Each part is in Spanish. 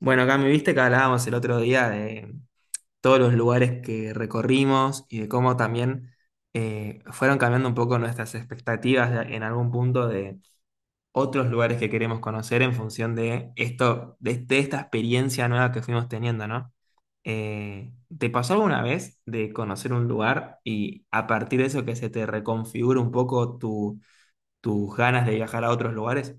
Bueno, acá me viste que hablábamos el otro día de todos los lugares que recorrimos y de cómo también fueron cambiando un poco nuestras expectativas en algún punto de otros lugares que queremos conocer en función de esto, de esta experiencia nueva que fuimos teniendo, ¿no? te pasó alguna vez de conocer un lugar y a partir de eso que se te reconfigura un poco tus ganas de viajar a otros lugares?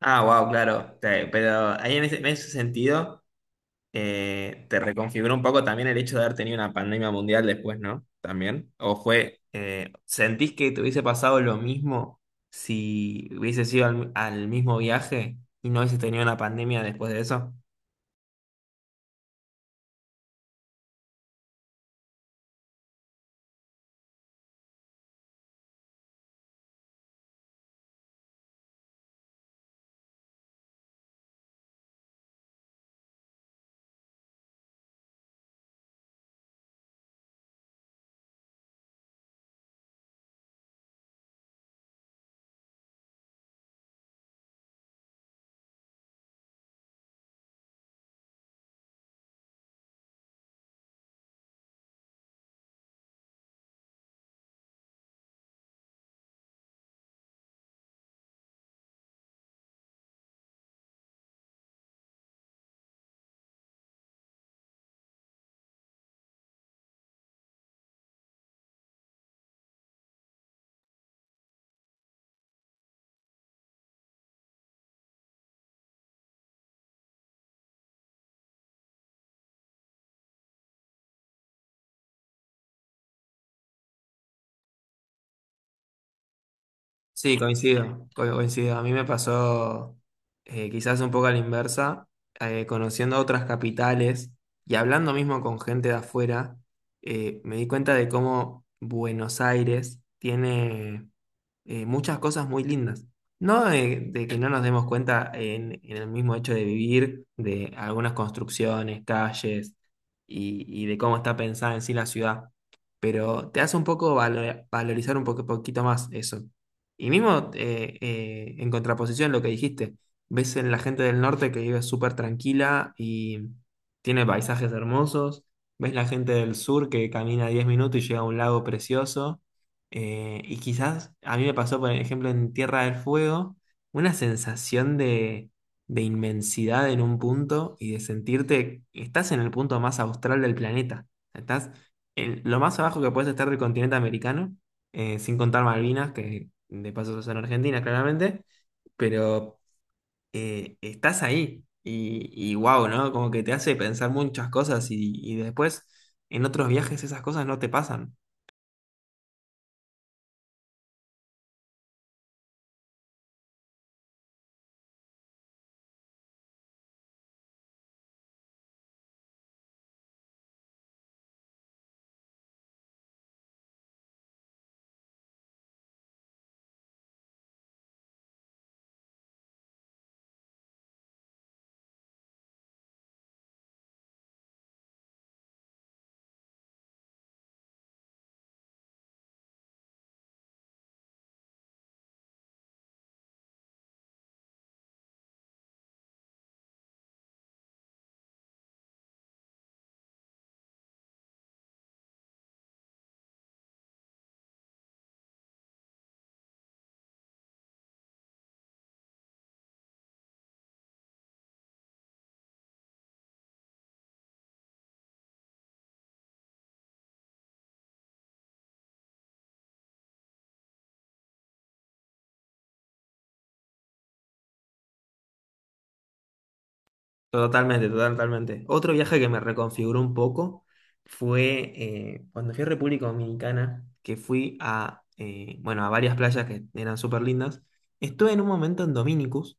Ah, wow, claro. Pero ahí en en ese sentido, te reconfiguró un poco también el hecho de haber tenido una pandemia mundial después, ¿no? También. ¿O fue, sentís que te hubiese pasado lo mismo si hubiese sido al mismo viaje y no hubiese tenido una pandemia después de eso? Sí, coincido, coincido. A mí me pasó quizás un poco a la inversa, conociendo otras capitales y hablando mismo con gente de afuera. Me di cuenta de cómo Buenos Aires tiene muchas cosas muy lindas. No de que no nos demos cuenta en el mismo hecho de vivir, de algunas construcciones, calles y de cómo está pensada en sí la ciudad, pero te hace un poco valorizar un poco, poquito más eso. Y mismo en contraposición a lo que dijiste, ves en la gente del norte que vive súper tranquila y tiene paisajes hermosos, ves la gente del sur que camina 10 minutos y llega a un lago precioso, y quizás a mí me pasó, por ejemplo, en Tierra del Fuego, una sensación de inmensidad en un punto y de sentirte, estás en el punto más austral del planeta, estás en lo más abajo que puedes estar del continente americano, sin contar Malvinas, que de paso son Argentina, claramente, pero estás ahí y wow, ¿no? Como que te hace pensar muchas cosas y después en otros viajes esas cosas no te pasan. Totalmente, totalmente. Otro viaje que me reconfiguró un poco fue cuando fui a República Dominicana, que fui a, bueno, a varias playas que eran súper lindas. Estuve en un momento en Dominicus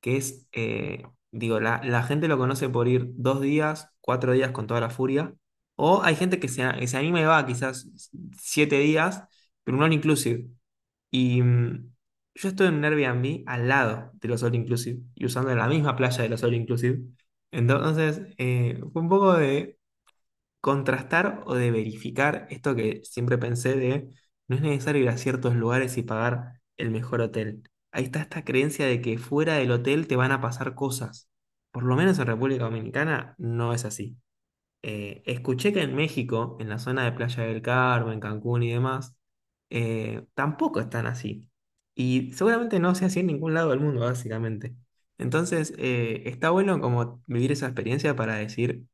que es, digo, la gente lo conoce por ir 2 días, 4 días con toda la furia, o hay gente que que se anima y va quizás 7 días, pero un all inclusive. Y yo estoy en un Airbnb al lado de los all inclusive y usando la misma playa de los all inclusive. Entonces, fue un poco de contrastar o de verificar esto que siempre pensé de no es necesario ir a ciertos lugares y pagar el mejor hotel. Ahí está esta creencia de que fuera del hotel te van a pasar cosas. Por lo menos en República Dominicana no es así. Escuché que en México, en la zona de Playa del Carmen, Cancún y demás, tampoco están así. Y seguramente no sea así en ningún lado del mundo, básicamente. Entonces, está bueno como vivir esa experiencia para decir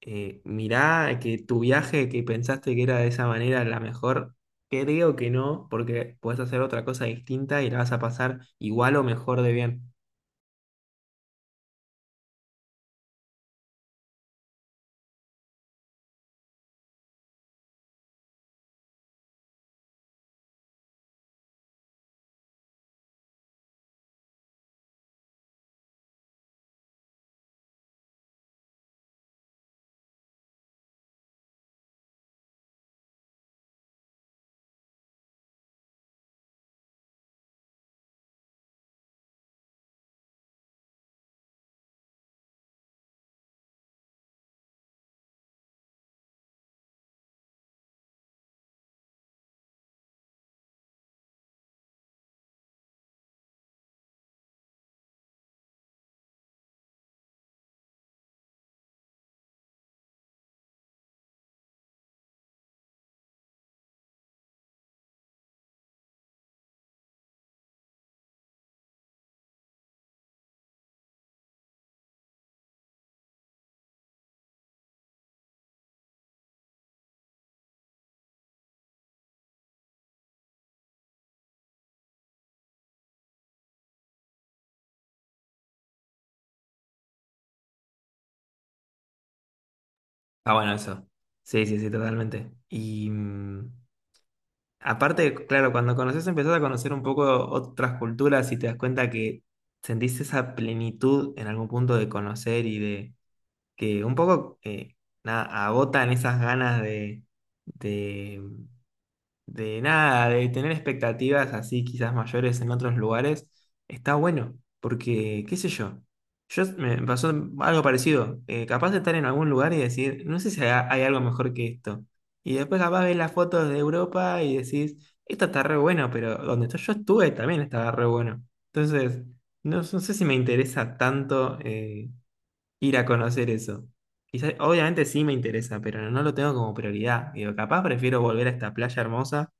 mirá que tu viaje que pensaste que era de esa manera la mejor, creo que no, porque puedes hacer otra cosa distinta y la vas a pasar igual o mejor de bien. Ah, bueno, eso. Sí, sí, sí, totalmente. Y aparte, claro, cuando conoces, empezás a conocer un poco otras culturas y te das cuenta que sentiste esa plenitud en algún punto de conocer y de que un poco, nada, agotan esas ganas de de nada, de tener expectativas así quizás mayores en otros lugares. Está bueno, porque qué sé yo, yo me pasó algo parecido, capaz de estar en algún lugar y decir, no sé si hay algo mejor que esto, y después capaz ves las fotos de Europa y decís, esto está re bueno, pero donde yo estuve también estaba re bueno, entonces no, no sé si me interesa tanto ir a conocer eso. Quizás, obviamente sí me interesa, pero no lo tengo como prioridad. Digo, capaz prefiero volver a esta playa hermosa,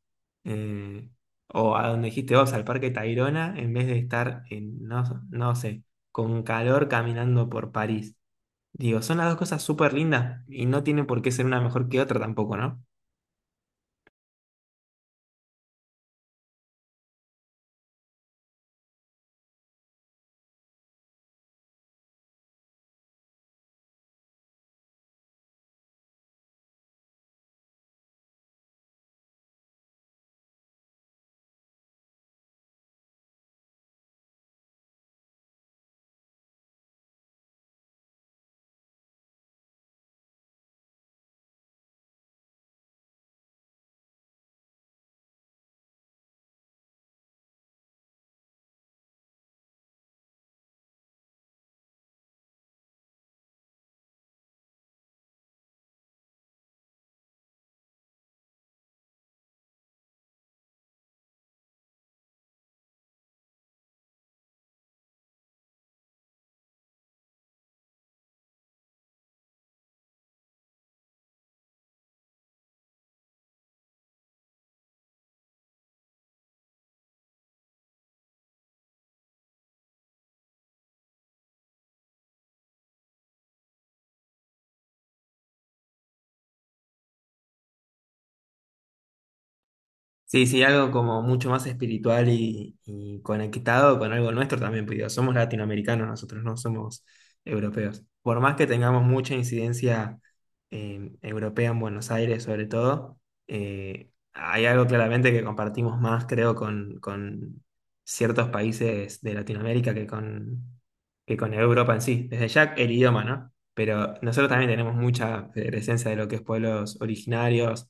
eh, o a donde dijiste vos, al Parque Tayrona, en vez de estar en, no, no sé, con calor caminando por París. Digo, son las dos cosas súper lindas y no tiene por qué ser una mejor que otra tampoco, ¿no? Sí, sí, algo como mucho más espiritual y conectado con algo nuestro también, porque digo, somos latinoamericanos nosotros, no somos europeos. Por más que tengamos mucha incidencia europea en Buenos Aires sobre todo, hay algo claramente que compartimos más, creo, con ciertos países de Latinoamérica que que con Europa en sí. Desde ya el idioma, ¿no? Pero nosotros también tenemos mucha presencia de lo que es pueblos originarios.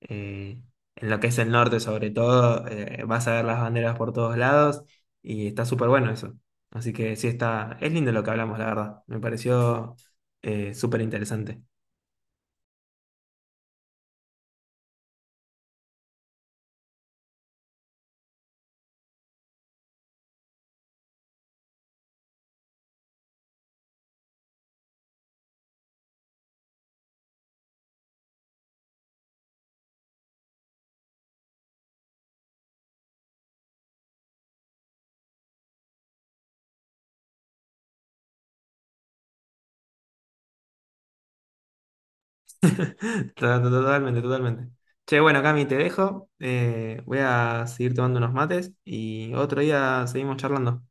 Eh, en lo que es el norte sobre todo, vas a ver las banderas por todos lados y está súper bueno eso. Así que sí está, es lindo lo que hablamos, la verdad. Me pareció súper interesante. Totalmente, totalmente. Che, bueno, Cami, te dejo. Voy a seguir tomando unos mates y otro día seguimos charlando.